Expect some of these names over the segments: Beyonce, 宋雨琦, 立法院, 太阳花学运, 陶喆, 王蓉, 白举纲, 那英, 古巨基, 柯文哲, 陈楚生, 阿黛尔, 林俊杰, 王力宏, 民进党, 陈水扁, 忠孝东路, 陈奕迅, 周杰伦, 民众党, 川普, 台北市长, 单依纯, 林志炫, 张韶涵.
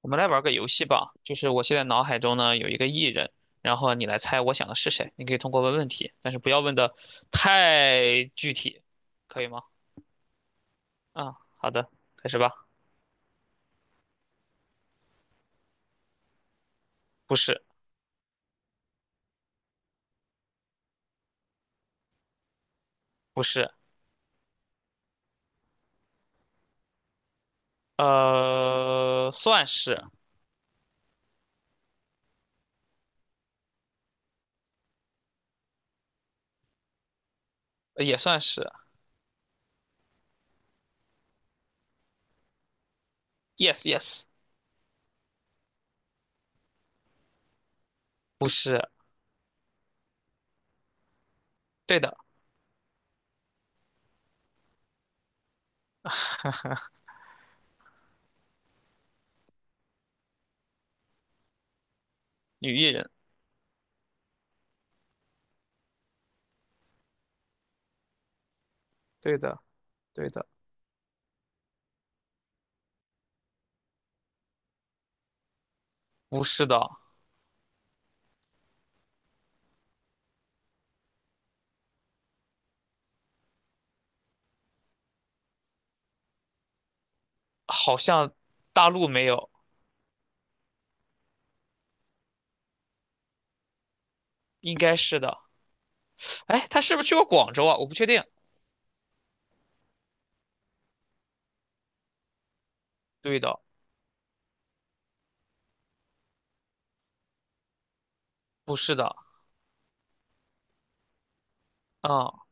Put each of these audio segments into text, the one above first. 我们来玩个游戏吧，就是我现在脑海中呢有一个艺人，然后你来猜我想的是谁。你可以通过问问题，但是不要问的太具体，可以吗？啊，好的，开始吧。不是，不是，算是，也算是，yes yes，不是，对的，女艺人，对的，对的，不是的，好像大陆没有，应该是的。哎，她是不是去过广州啊？我不确定。对的，不是的，啊、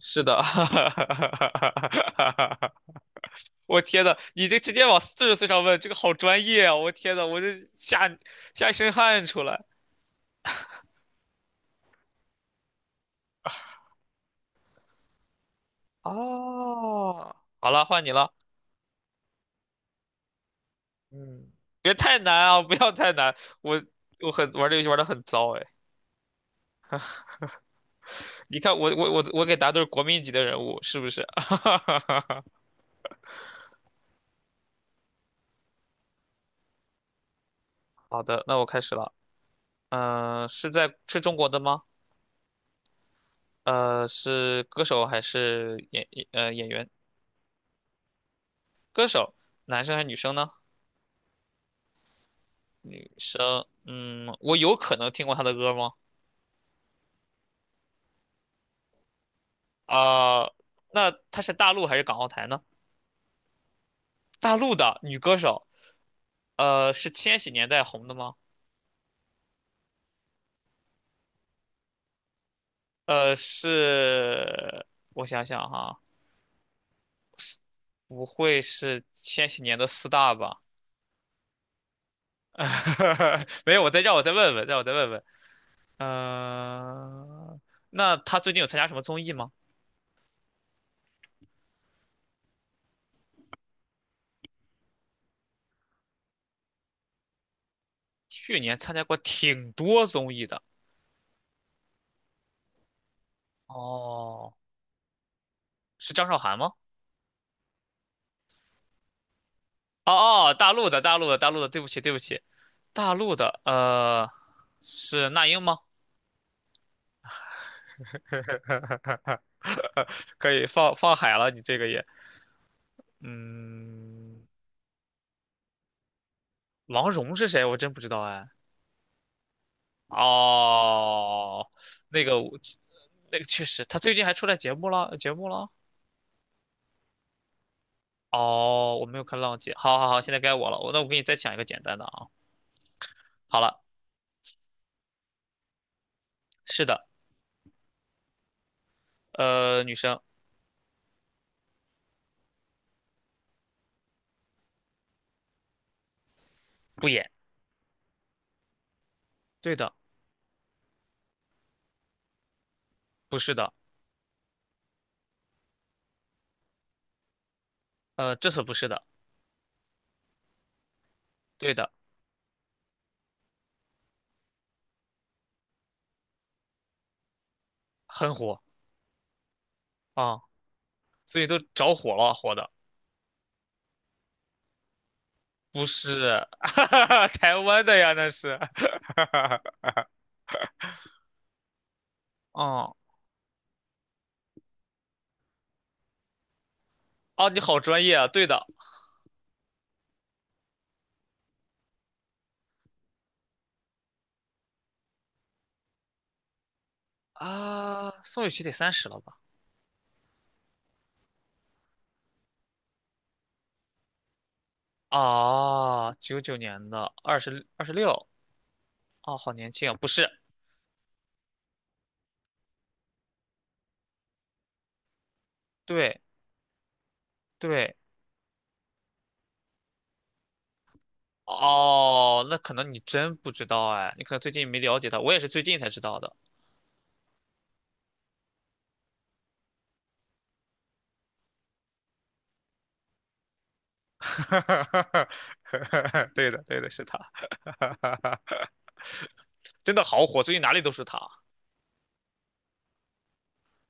是的，我天呐，你这直接往40岁上问，这个好专业啊！我天呐，我这吓一身汗出来。哦，好了，换你了，嗯，别太难啊，不要太难。我我很玩这游戏玩的很糟哎，你看我给答都是国民级的人物，是不是？好的，那我开始了。是在是中国的吗？是歌手还是演员？歌手，男生还是女生呢？生，我有可能听过她的歌吗？啊、那她是大陆还是港澳台呢？大陆的女歌手，是千禧年代红的吗？是，我想想哈，不会是千禧年的四大吧？没有，让我再问问，让我再问问。嗯、那她最近有参加什么综艺吗？去年参加过挺多综艺的。哦，是张韶涵吗？哦哦，大陆的，大陆的，大陆的，对不起，对不起，大陆的，是那英吗？可以放放海了，你这个也，嗯，王蓉是谁？我真不知道哎。哦，我确实，他最近还出来节目了，节目了。哦，我没有看浪姐。好好好，现在该我了。那我给你再讲一个简单的啊。好了，是的，女生不演，对的，不是的，这次不是的，对的，很火啊，所以都着火了，火的。不是，台湾的呀，那是。哦哦，你好专业啊！对的啊，宋雨琦得30了吧？啊，99年的，二十六，哦，好年轻啊！不是，对对，哦，那可能你真不知道哎，你可能最近没了解他，我也是最近才知道的。对的，对的，是他，真的好火，最近哪里都是他。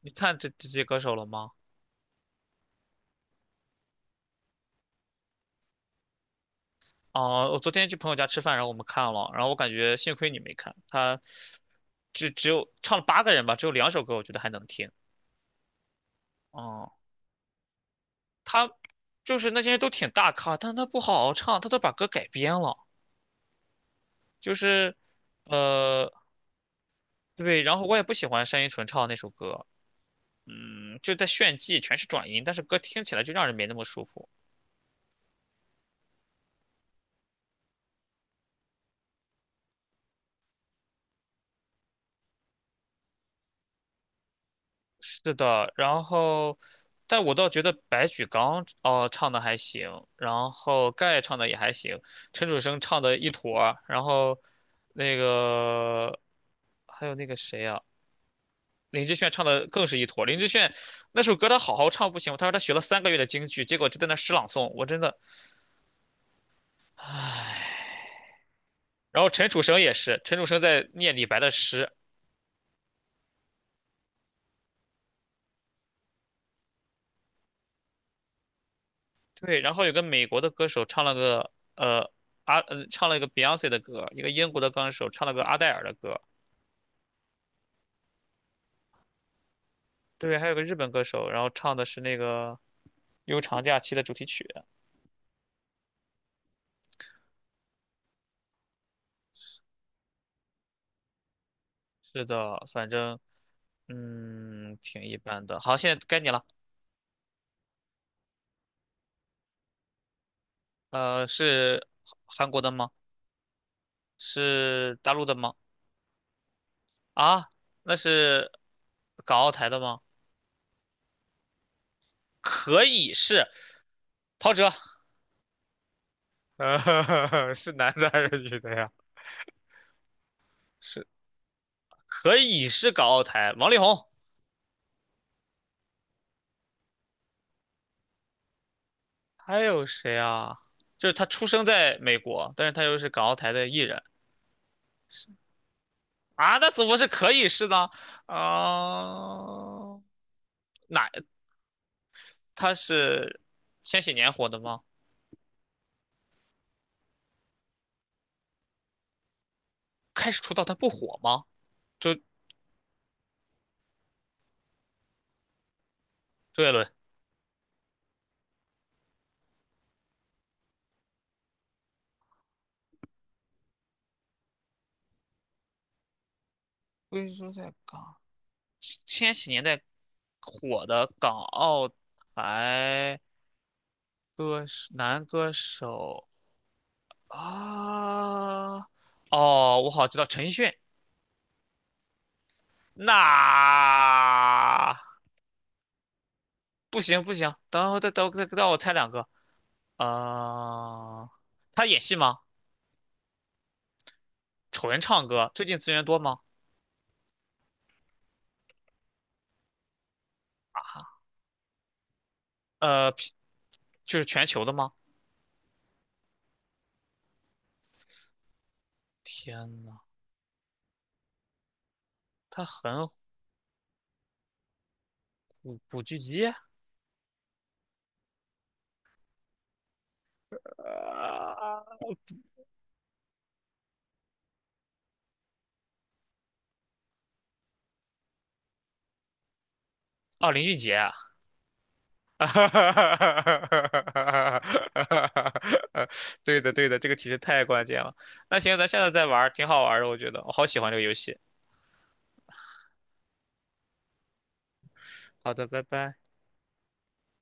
你看这些歌手了吗？啊，我昨天去朋友家吃饭，然后我们看了，然后我感觉幸亏你没看，他只有唱了八个人吧，只有两首歌我觉得还能听。哦、他就是那些人都挺大咖，但是他不好好唱，他都把歌改编了，就是，呃，对，然后我也不喜欢单依纯唱的那首歌，就在炫技，全是转音，但是歌听起来就让人没那么舒服。是的，然后，但我倒觉得白举纲唱的还行，然后盖唱的也还行，陈楚生唱的一坨儿然后那个还有那个谁啊，林志炫唱的更是一坨儿。林志炫那首歌他好好唱不行吗，他说他学了3个月的京剧，结果就在那诗朗诵，我真的唉。然后陈楚生也是，陈楚生在念李白的诗，对，然后有个美国的歌手呃。唱了一个 Beyonce 的歌，一个英国的歌手唱了个阿黛尔的歌，对，还有个日本歌手，然后唱的是那个《悠长假期》的主题曲。是的，反正挺一般的。好，现在该你了。是韩国的吗？是大陆的吗？啊，那是港澳台的吗？可以是陶喆 呃，是男的还是女的呀？是可以是港澳台，王力宏，还有谁啊？就是他出生在美国，但是他又是港澳台的艺人。啊，那怎么是可以是呢？啊、哪他是千禧年火的吗？开始出道他不火吗？周周杰伦，龟说在港千禧年代火的港澳台歌手男歌手啊，哦，我好像知道陈奕迅，那不行不行，等会再等再等我猜两个，啊、他演戏吗？纯唱歌，最近资源多吗？啊，呃，就是全球的吗？天呐，他很古巨基。呃，哦，林俊杰，哈哈哈，对的对的，这个提示太关键了。那行，咱下次再玩儿，挺好玩儿的，我觉得我好喜欢这个游戏。好的，拜拜。